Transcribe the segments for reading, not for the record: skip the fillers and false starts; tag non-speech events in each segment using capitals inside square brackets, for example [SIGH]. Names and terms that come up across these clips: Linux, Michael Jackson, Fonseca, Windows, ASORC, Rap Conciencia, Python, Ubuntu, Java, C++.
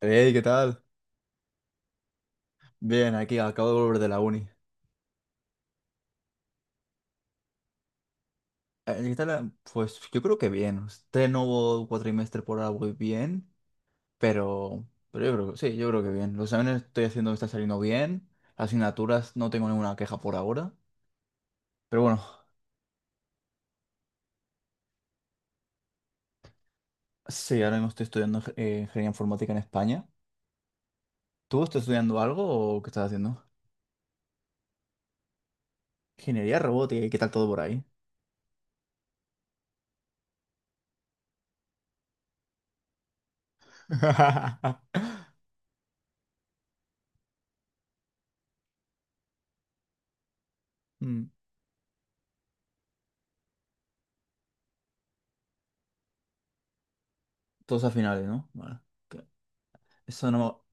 Hey, ¿qué tal? Bien, aquí acabo de volver de la uni. ¿Qué tal? Pues yo creo que bien. Este nuevo cuatrimestre por ahora voy bien, pero yo creo que sí, yo creo que bien. Los exámenes estoy haciendo, me está saliendo bien. Las asignaturas no tengo ninguna queja por ahora. Pero bueno, sí, ahora mismo estoy estudiando ingeniería informática en España. ¿Tú estás estudiando algo o qué estás haciendo? Ingeniería robótica, ¿y qué tal todo por ahí? [LAUGHS] Mm, todos a finales, ¿no? Vale. Que- Eso no.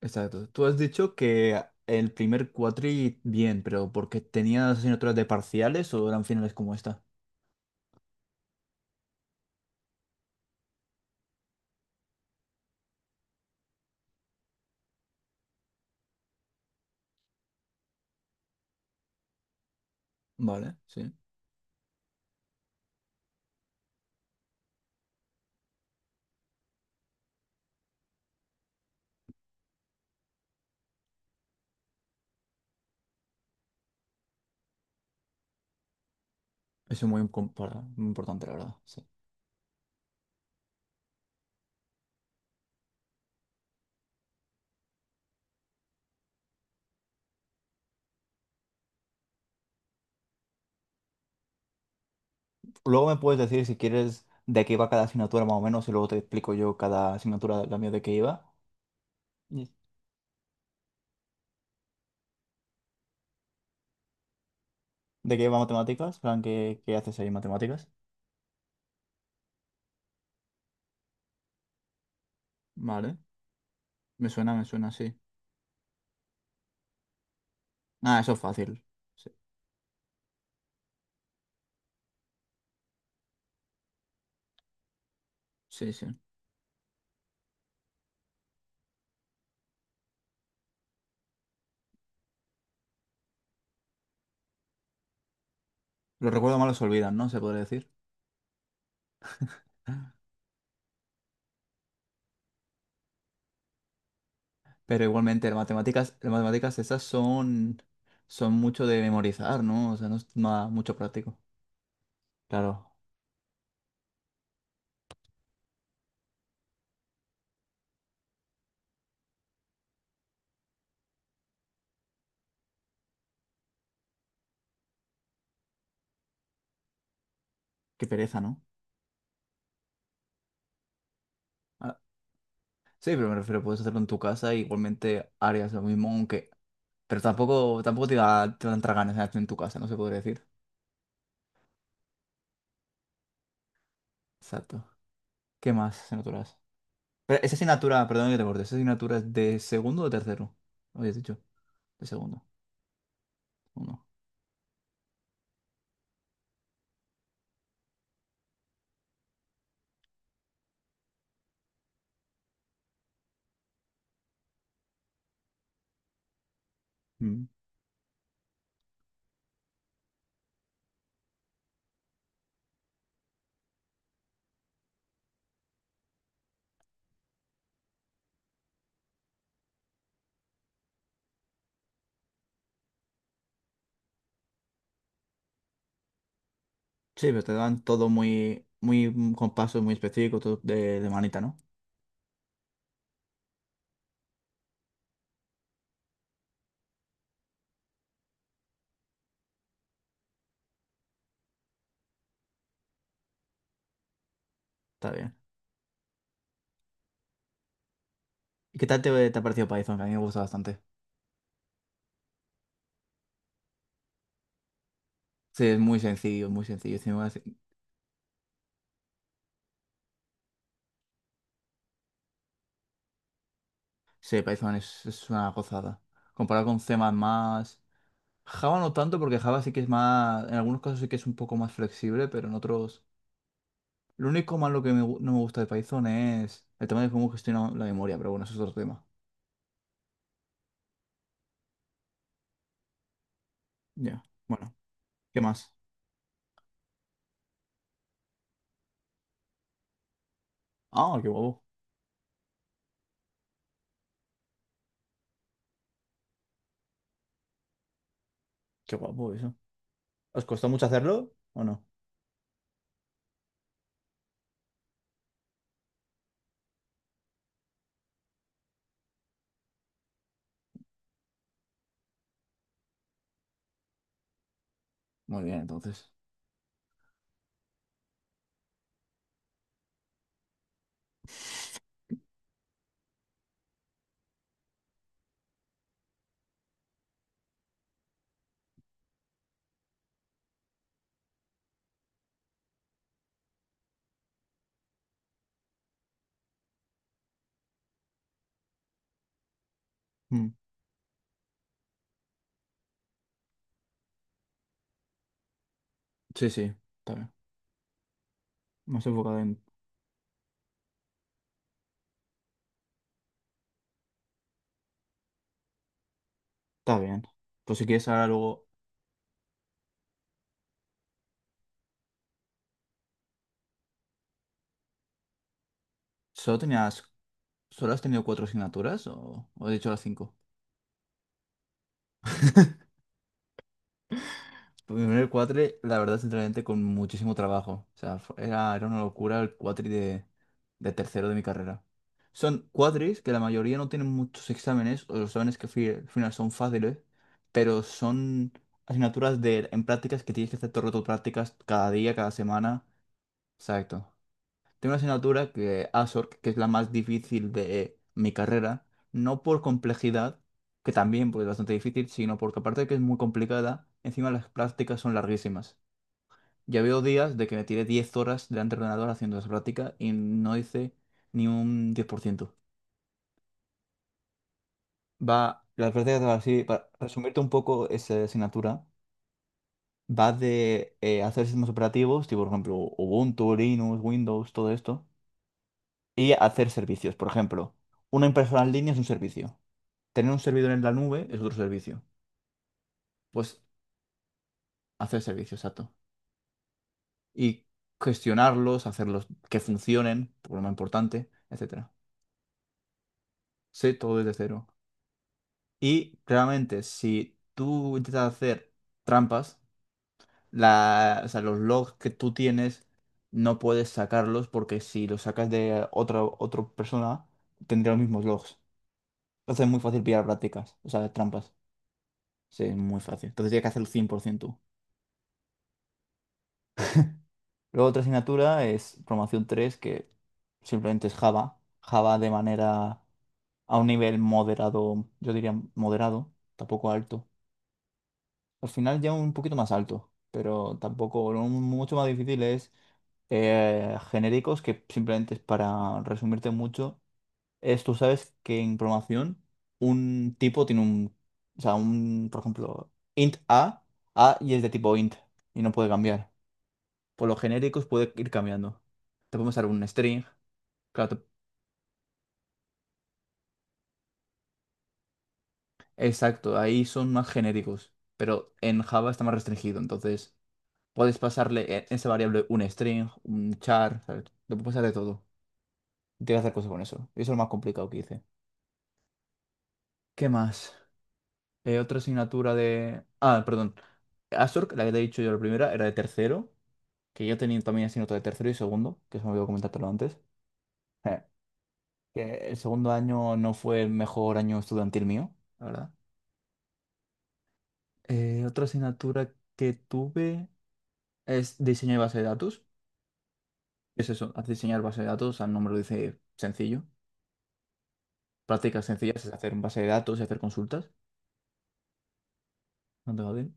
Exacto. Tú has dicho que el primer cuatri bien, pero ¿porque tenías asignaturas de parciales o eran finales como esta? Vale, sí. Eso es muy, muy importante, la verdad. Sí. Luego me puedes decir si quieres de qué iba cada asignatura más o menos y luego te explico yo cada asignatura, la mía de qué iba. Yes. ¿De qué iba matemáticas? Plan, ¿qué haces ahí en matemáticas? Vale. Me suena, sí. Ah, eso es fácil. Sí, sí, sí. Los recuerdos malos se olvidan, ¿no? Se podría decir. Pero igualmente, las matemáticas esas son, mucho de memorizar, ¿no? O sea, no es nada mucho práctico. Claro, qué pereza, ¿no? Ah, sí, pero me refiero, puedes hacerlo en tu casa, igualmente harías lo mismo, aunque... Pero tampoco te dan ganas de hacerlo en tu casa, no se podría decir. Exacto. ¿Qué más asignaturas? Pero esa asignatura, perdón que te corte, ¿esa asignatura es de segundo o tercero? Habías dicho, de segundo. Uno. Mm. Sí, pero te dan todo muy, muy con pasos muy específicos, todo de manita, ¿no? Está bien. ¿Y qué tal te ha parecido Python? Que a mí me gusta bastante. Sí, es muy sencillo, muy sencillo. Encima, sí, Python es una gozada. Comparado con C++, Java no tanto, porque Java sí que es más... En algunos casos sí que es un poco más flexible, pero en otros... Lo único malo que no me gusta de Python es el tema de cómo gestiona la memoria, pero bueno, eso es otro tema. Ya, bueno, ¿qué más? Ah, qué guapo. Qué guapo eso. ¿Os costó mucho hacerlo o no? Muy bien, entonces. Mm, sí, sí, está bien. Más enfocado en... Está bien. Pues si quieres, ahora luego... ¿Solo tenías, solo has tenido cuatro asignaturas o he dicho las cinco? [LAUGHS] Primero el cuatri, la verdad, sinceramente, con muchísimo trabajo. O sea, era una locura el cuatri de tercero de mi carrera. Son cuatris que la mayoría no tienen muchos exámenes, o los exámenes que al final son fáciles, pero son asignaturas en prácticas que tienes que hacer todo el rato prácticas cada día, cada semana. Exacto. Tengo una asignatura que ASORC, que es la más difícil de mi carrera, no por complejidad, que también pues, es bastante difícil, sino porque aparte de que es muy complicada, encima las prácticas son larguísimas. Ya veo días de que me tiré 10 horas delante del ordenador haciendo esa práctica y no hice ni un 10%. Va, las prácticas, así, para resumirte un poco esa asignatura, va de hacer sistemas operativos, tipo por ejemplo Ubuntu, Linux, Windows, todo esto y hacer servicios. Por ejemplo, una impresora en línea es un servicio. Tener un servidor en la nube es otro servicio. Pues hacer servicios, exacto. Y gestionarlos, hacerlos que funcionen, por lo más importante, etcétera. Sé todo desde cero. Y claramente, si tú intentas hacer trampas, o sea, los logs que tú tienes no puedes sacarlos porque si los sacas de otra persona, tendría los mismos logs. Entonces es muy fácil pillar prácticas, o sea, trampas. Sí, es muy fácil. Entonces tienes que hacerlo 100% tú. Luego otra asignatura es programación 3 que simplemente es Java. Java de manera a un nivel moderado, yo diría moderado, tampoco alto. Al final ya un poquito más alto, pero tampoco, lo mucho más difícil es genéricos, que simplemente es para resumirte mucho, es tú sabes que en programación un tipo tiene un, o sea, un, por ejemplo, int a y es de tipo int y no puede cambiar. Por los genéricos puede ir cambiando. Te podemos dar un string. Claro, exacto, ahí son más genéricos, pero en Java está más restringido. Entonces, puedes pasarle esa variable un string, un char, ¿sabes? Le puedes pasar de todo. Tienes que hacer cosas con eso. Y eso es lo más complicado que hice. ¿Qué más? Otra asignatura de... Ah, perdón. Astorg, la que te he dicho yo la primera, era de tercero, que yo tenía también asignatura de tercero y segundo, que eso me olvidó comentártelo antes. [LAUGHS] Eh, que el segundo año no fue el mejor año estudiantil mío, la verdad. Otra asignatura que tuve es diseño de base de datos. Es eso, haz diseñar base de datos, al nombre lo dice sencillo. Prácticas sencillas es hacer base de datos y hacer consultas. No tengo bien.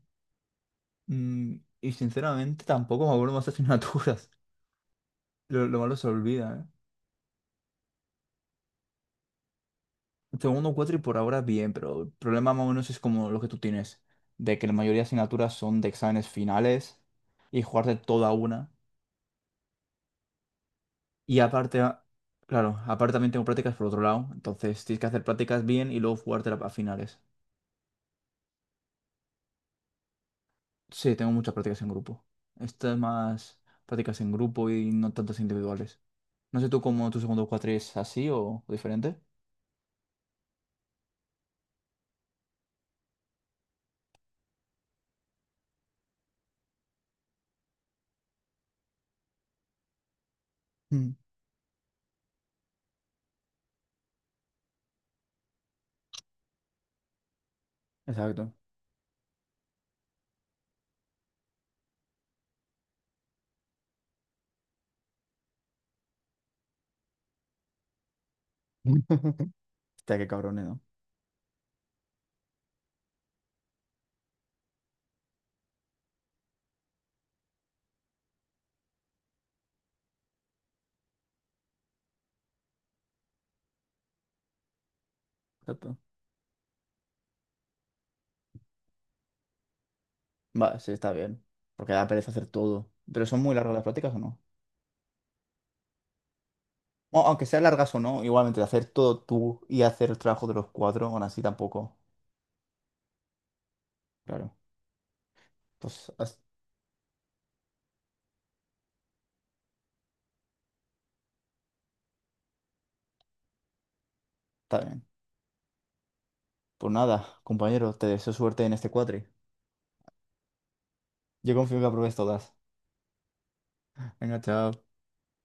Y sinceramente tampoco me acuerdo más asignaturas. [LAUGHS] Lo malo se olvida, ¿eh? Segundo cuatro y por ahora bien, pero el problema más o menos es como lo que tú tienes, de que la mayoría de asignaturas son de exámenes finales y jugarte toda una. Y aparte, claro, aparte también tengo prácticas por otro lado. Entonces tienes que hacer prácticas bien y luego jugarte a finales. Sí, tengo muchas prácticas en grupo. Esto es más prácticas en grupo y no tantas individuales. No sé tú cómo tu segundo cuatri es así o diferente. Mm, exacto. [LAUGHS] Hostia, qué cabrones, ¿no? Exacto. Va, sí, está bien. Porque da pereza hacer todo. Pero son muy largas las prácticas o no. Aunque sean largas o no, igualmente hacer todo tú y hacer el trabajo de los cuatro, aún así tampoco. Claro. Pues está bien. Pues nada, compañero, te deseo suerte en este cuatri. Yo confío que apruebes todas. Venga, chao.